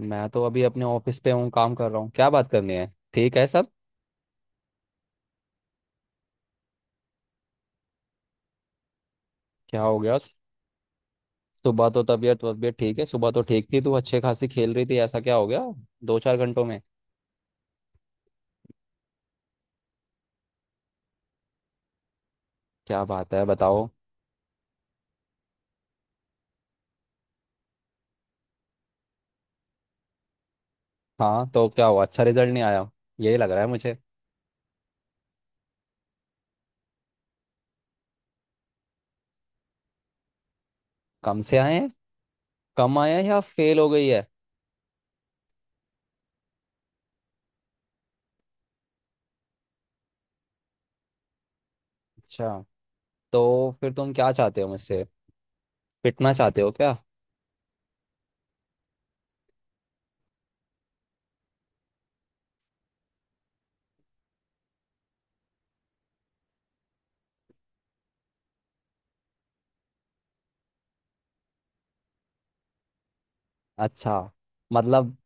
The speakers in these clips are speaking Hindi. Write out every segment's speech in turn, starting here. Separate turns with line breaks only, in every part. मैं तो अभी अपने ऑफिस पे हूँ, काम कर रहा हूँ। क्या बात करनी है? ठीक है सब? क्या हो गया? सुबह तो तबीयत तबीयत ठीक है, सुबह तो ठीक थी, तू अच्छे खासी खेल रही थी, ऐसा क्या हो गया? दो चार घंटों में। क्या बात है, बताओ। हाँ, तो क्या हुआ? अच्छा, रिजल्ट नहीं आया? यही लग रहा है मुझे। कम से आए हैं? कम आया है या फेल हो गई है? अच्छा। तो फिर तुम क्या चाहते हो मुझसे? पिटना चाहते हो क्या? अच्छा, मतलब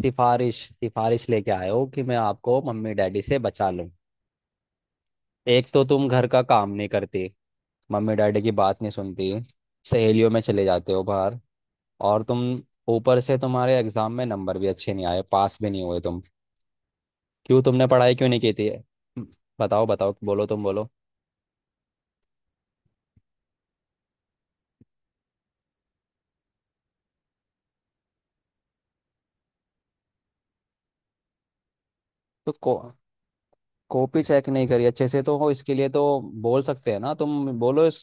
सिफारिश सिफारिश लेके आए हो कि मैं आपको मम्मी डैडी से बचा लूँ? एक तो तुम घर का काम नहीं करती, मम्मी डैडी की बात नहीं सुनती, सहेलियों में चले जाते हो बाहर, और तुम, ऊपर से तुम्हारे एग्जाम में नंबर भी अच्छे नहीं आए, पास भी नहीं हुए तुम। क्यों तुमने पढ़ाई क्यों नहीं की थी? बताओ, बताओ, बोलो, तुम बोलो। तो को कॉपी चेक नहीं करी अच्छे से तो, हो इसके लिए तो बोल सकते हैं ना, तुम बोलो इस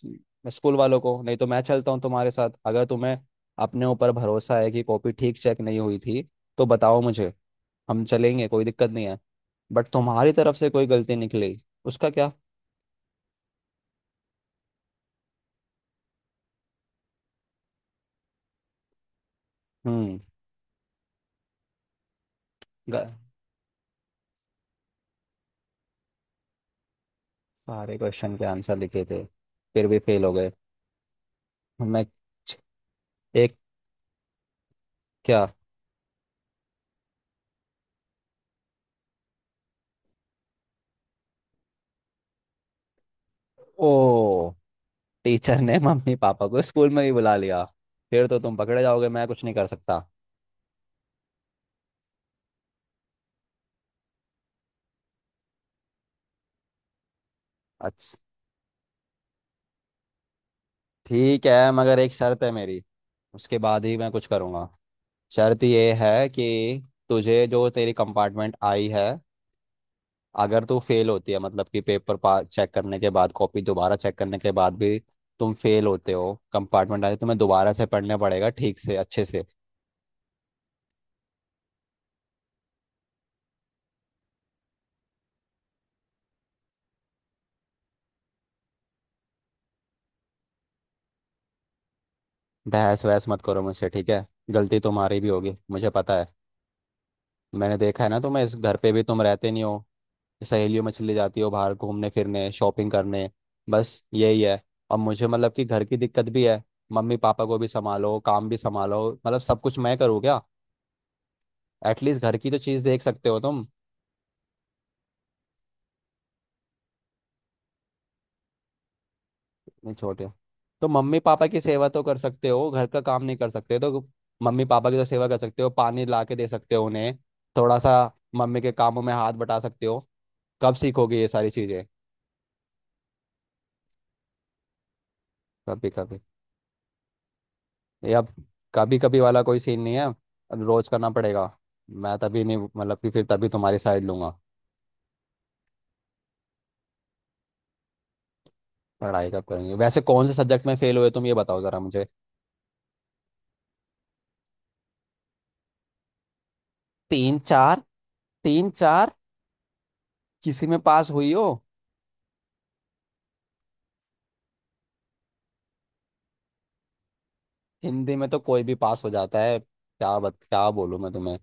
स्कूल वालों को, नहीं तो मैं चलता हूँ तुम्हारे साथ, अगर तुम्हें अपने ऊपर भरोसा है कि कॉपी ठीक चेक नहीं हुई थी तो बताओ मुझे। हम चलेंगे, कोई दिक्कत नहीं है। बट तुम्हारी तरफ से कोई गलती निकली, उसका क्या? हम्म। ग- सारे क्वेश्चन के आंसर लिखे थे, फिर भी फेल हो गए? मैं छ- एक क्या? ओ, टीचर ने मम्मी पापा को स्कूल में ही बुला लिया? फिर तो तुम पकड़े जाओगे, मैं कुछ नहीं कर सकता। अच्छा, ठीक है, मगर एक शर्त है मेरी, उसके बाद ही मैं कुछ करूँगा। शर्त ये है कि तुझे जो तेरी कंपार्टमेंट आई है, अगर तू फेल होती है, मतलब कि पेपर पा चेक करने के बाद, कॉपी दोबारा चेक करने के बाद भी तुम फेल होते हो, कंपार्टमेंट आए, तुम्हें दोबारा से पढ़ना पड़ेगा, ठीक से, अच्छे से। बहस वहस मत करो मुझसे, ठीक है? गलती तुम्हारी भी होगी, मुझे पता है। मैंने देखा है ना तुम्हें, इस घर पे भी तुम रहते नहीं हो, सहेलियों में चली जाती हो बाहर घूमने फिरने, शॉपिंग करने। बस यही है। अब मुझे, मतलब कि घर की दिक्कत भी है। मम्मी पापा को भी संभालो, काम भी संभालो, मतलब सब कुछ मैं करूँ क्या? एटलीस्ट घर की तो चीज़ देख सकते हो तुम। नहीं छोटे हो। तो मम्मी पापा की सेवा तो कर सकते हो, घर का काम नहीं कर सकते तो मम्मी पापा की तो सेवा कर सकते हो, पानी ला के दे सकते हो उन्हें, थोड़ा सा मम्मी के कामों में हाथ बटा सकते हो। कब सीखोगे ये सारी चीजें? कभी कभी? ये अब, कभी कभी वाला कोई सीन नहीं है, अब रोज करना पड़ेगा। मैं तभी नहीं, मतलब कि फिर तभी तुम्हारी साइड लूंगा। पढ़ाई कब करेंगे? वैसे कौन से सब्जेक्ट में फेल हुए तुम, ये बताओ जरा मुझे। तीन चार? तीन चार? किसी में पास हुई हो? हिंदी में तो कोई भी पास हो जाता है, क्या बोलूं मैं तुम्हें।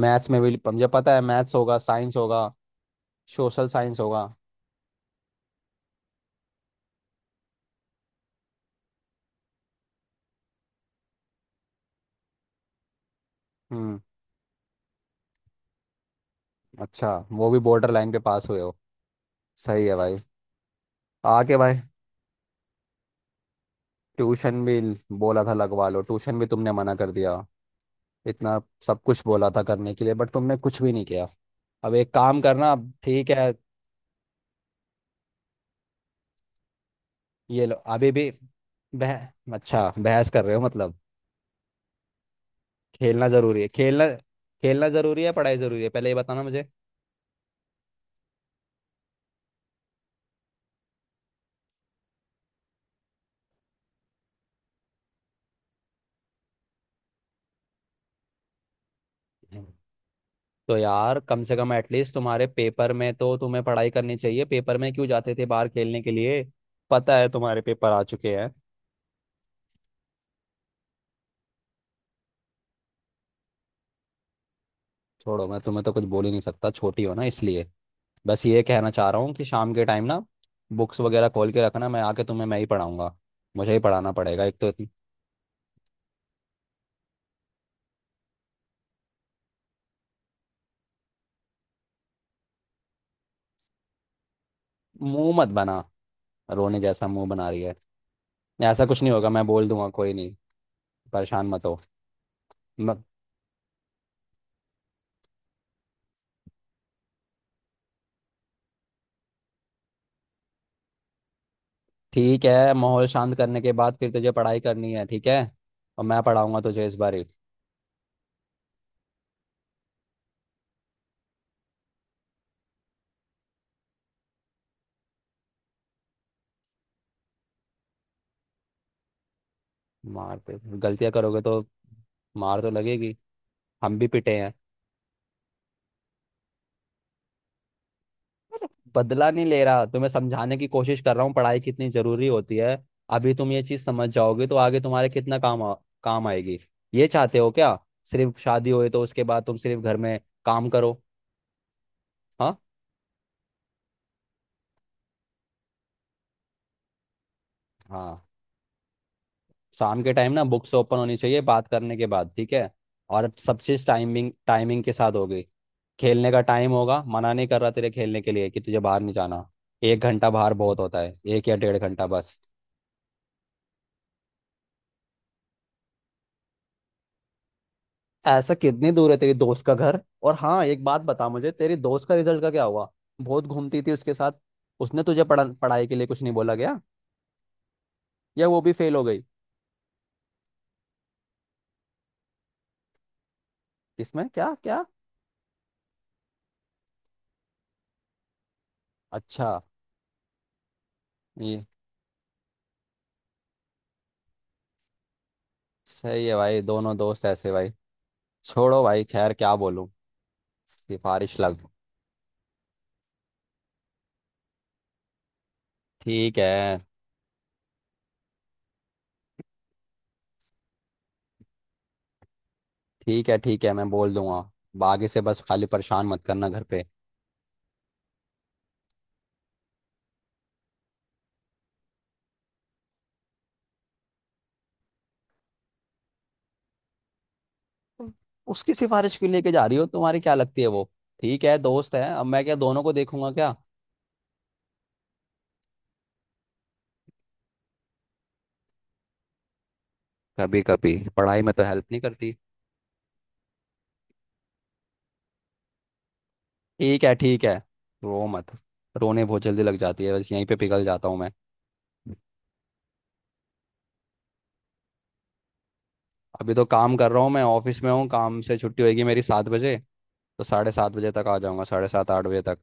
मैथ्स में भी, मुझे पता है, मैथ्स होगा, साइंस होगा, सोशल साइंस होगा। हम्म अच्छा, वो भी बॉर्डर लाइन पे पास हुए हो। सही है भाई। आगे भाई, ट्यूशन भी बोला था लगवा लो, ट्यूशन भी तुमने मना कर दिया। इतना सब कुछ बोला था करने के लिए, बट तुमने कुछ भी नहीं किया। अब एक काम करना, अब ठीक है। ये लो अभी भी। बह अच्छा, बहस कर रहे हो मतलब? खेलना जरूरी है, खेलना? खेलना जरूरी है, पढ़ाई जरूरी है, पहले ये बताना मुझे। तो यार कम से कम एटलीस्ट तुम्हारे पेपर में तो तुम्हें पढ़ाई करनी चाहिए, पेपर में क्यों जाते थे बाहर खेलने के लिए? पता है तुम्हारे पेपर आ चुके हैं। छोड़ो, मैं तुम्हें तो कुछ बोल ही नहीं सकता, छोटी हो ना इसलिए। बस ये कहना चाह रहा हूँ कि शाम के टाइम ना, बुक्स वगैरह खोल के रखना, मैं आके तुम्हें मैं ही पढ़ाऊंगा। मुझे ही पढ़ाना पड़ेगा, एक तो इतनी। मुंह मत बना, रोने जैसा मुंह बना रही है। ऐसा कुछ नहीं होगा, मैं बोल दूंगा, कोई नहीं, परेशान मत हो। म- ठीक है, माहौल शांत करने के बाद फिर तुझे पढ़ाई करनी है, ठीक है? और मैं पढ़ाऊंगा तुझे इस बार ही। मारते? गलतियाँ करोगे तो मार तो लगेगी, हम भी पिटे हैं। बदला नहीं ले रहा, तुम्हें समझाने की कोशिश कर रहा हूँ पढ़ाई कितनी जरूरी होती है। अभी तुम ये चीज समझ जाओगे तो आगे तुम्हारे कितना काम आएगी। ये चाहते हो क्या, सिर्फ शादी होए तो उसके बाद तुम सिर्फ घर में काम करो? हाँ। हाँ, शाम के टाइम ना बुक्स ओपन होनी चाहिए बात करने के बाद, ठीक है? और सब चीज टाइमिंग टाइमिंग के साथ होगी। खेलने का टाइम होगा, मना नहीं कर रहा तेरे खेलने के लिए कि तुझे बाहर नहीं जाना। एक घंटा बाहर बहुत होता है, एक या डेढ़ घंटा बस। ऐसा कितनी दूर है तेरी दोस्त का घर? और हाँ, एक बात बता मुझे, तेरी दोस्त का रिजल्ट का क्या हुआ? बहुत घूमती थी उसके साथ। उसने तुझे पढ़ाई के लिए कुछ नहीं बोला गया? या वो भी फेल हो गई? किसमें, क्या क्या? अच्छा। ये सही है भाई, दोनों दोस्त ऐसे भाई। छोड़ो भाई, खैर क्या बोलूं। सिफारिश लग ठीक है, ठीक है। ठीक है, मैं बोल दूंगा। बागी से बस, खाली परेशान मत करना घर पे। हम्म। उसकी सिफारिश क्यों लेके जा रही हो? तुम्हारी क्या लगती है वो? ठीक है, दोस्त है, अब मैं क्या दोनों को देखूंगा क्या? कभी कभी पढ़ाई में तो हेल्प नहीं करती। ठीक है, ठीक है, रो मत। रोने बहुत जल्दी लग जाती है, बस यहीं पे पिघल जाता हूँ मैं। अभी तो काम कर रहा हूँ, मैं ऑफिस में हूँ, काम से छुट्टी होगी मेरी 7 बजे, तो 7:30 बजे तक आ जाऊंगा, 7:30 8 बजे तक।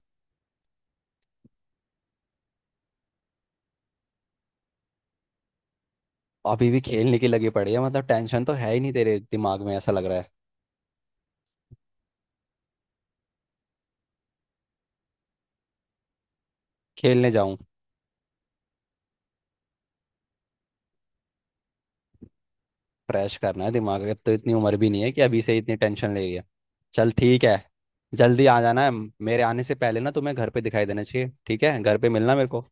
अभी भी खेलने की लगी पड़ी है, मतलब टेंशन तो है ही नहीं तेरे दिमाग में ऐसा लग रहा है। खेलने जाऊं? फ्रेश करना है दिमाग? अब तो इतनी उम्र भी नहीं है कि अभी से इतनी टेंशन ले रही है। चल, ठीक है। जल्दी आ जाना है, मेरे आने से पहले ना तुम्हें घर पे दिखाई देना चाहिए, ठीक है? घर पे मिलना मेरे को।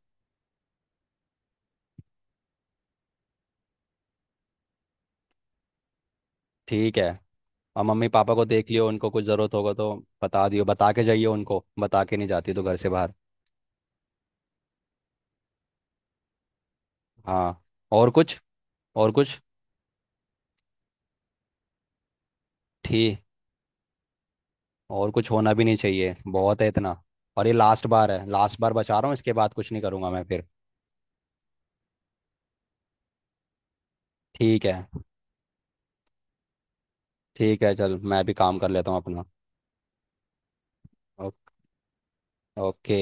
ठीक है। और मम्मी पापा को देख लियो, उनको कुछ ज़रूरत होगा तो बता दियो, बता के जाइए उनको, बता के नहीं जाती तो घर से बाहर। हाँ, और कुछ? और कुछ? ठीक। और कुछ होना भी नहीं चाहिए, बहुत है इतना। और ये लास्ट बार है, लास्ट बार बचा रहा हूँ, इसके बाद कुछ नहीं करूँगा मैं फिर। ठीक है। ठीक है चल, मैं भी काम कर लेता हूँ अपना। ओ- ओके।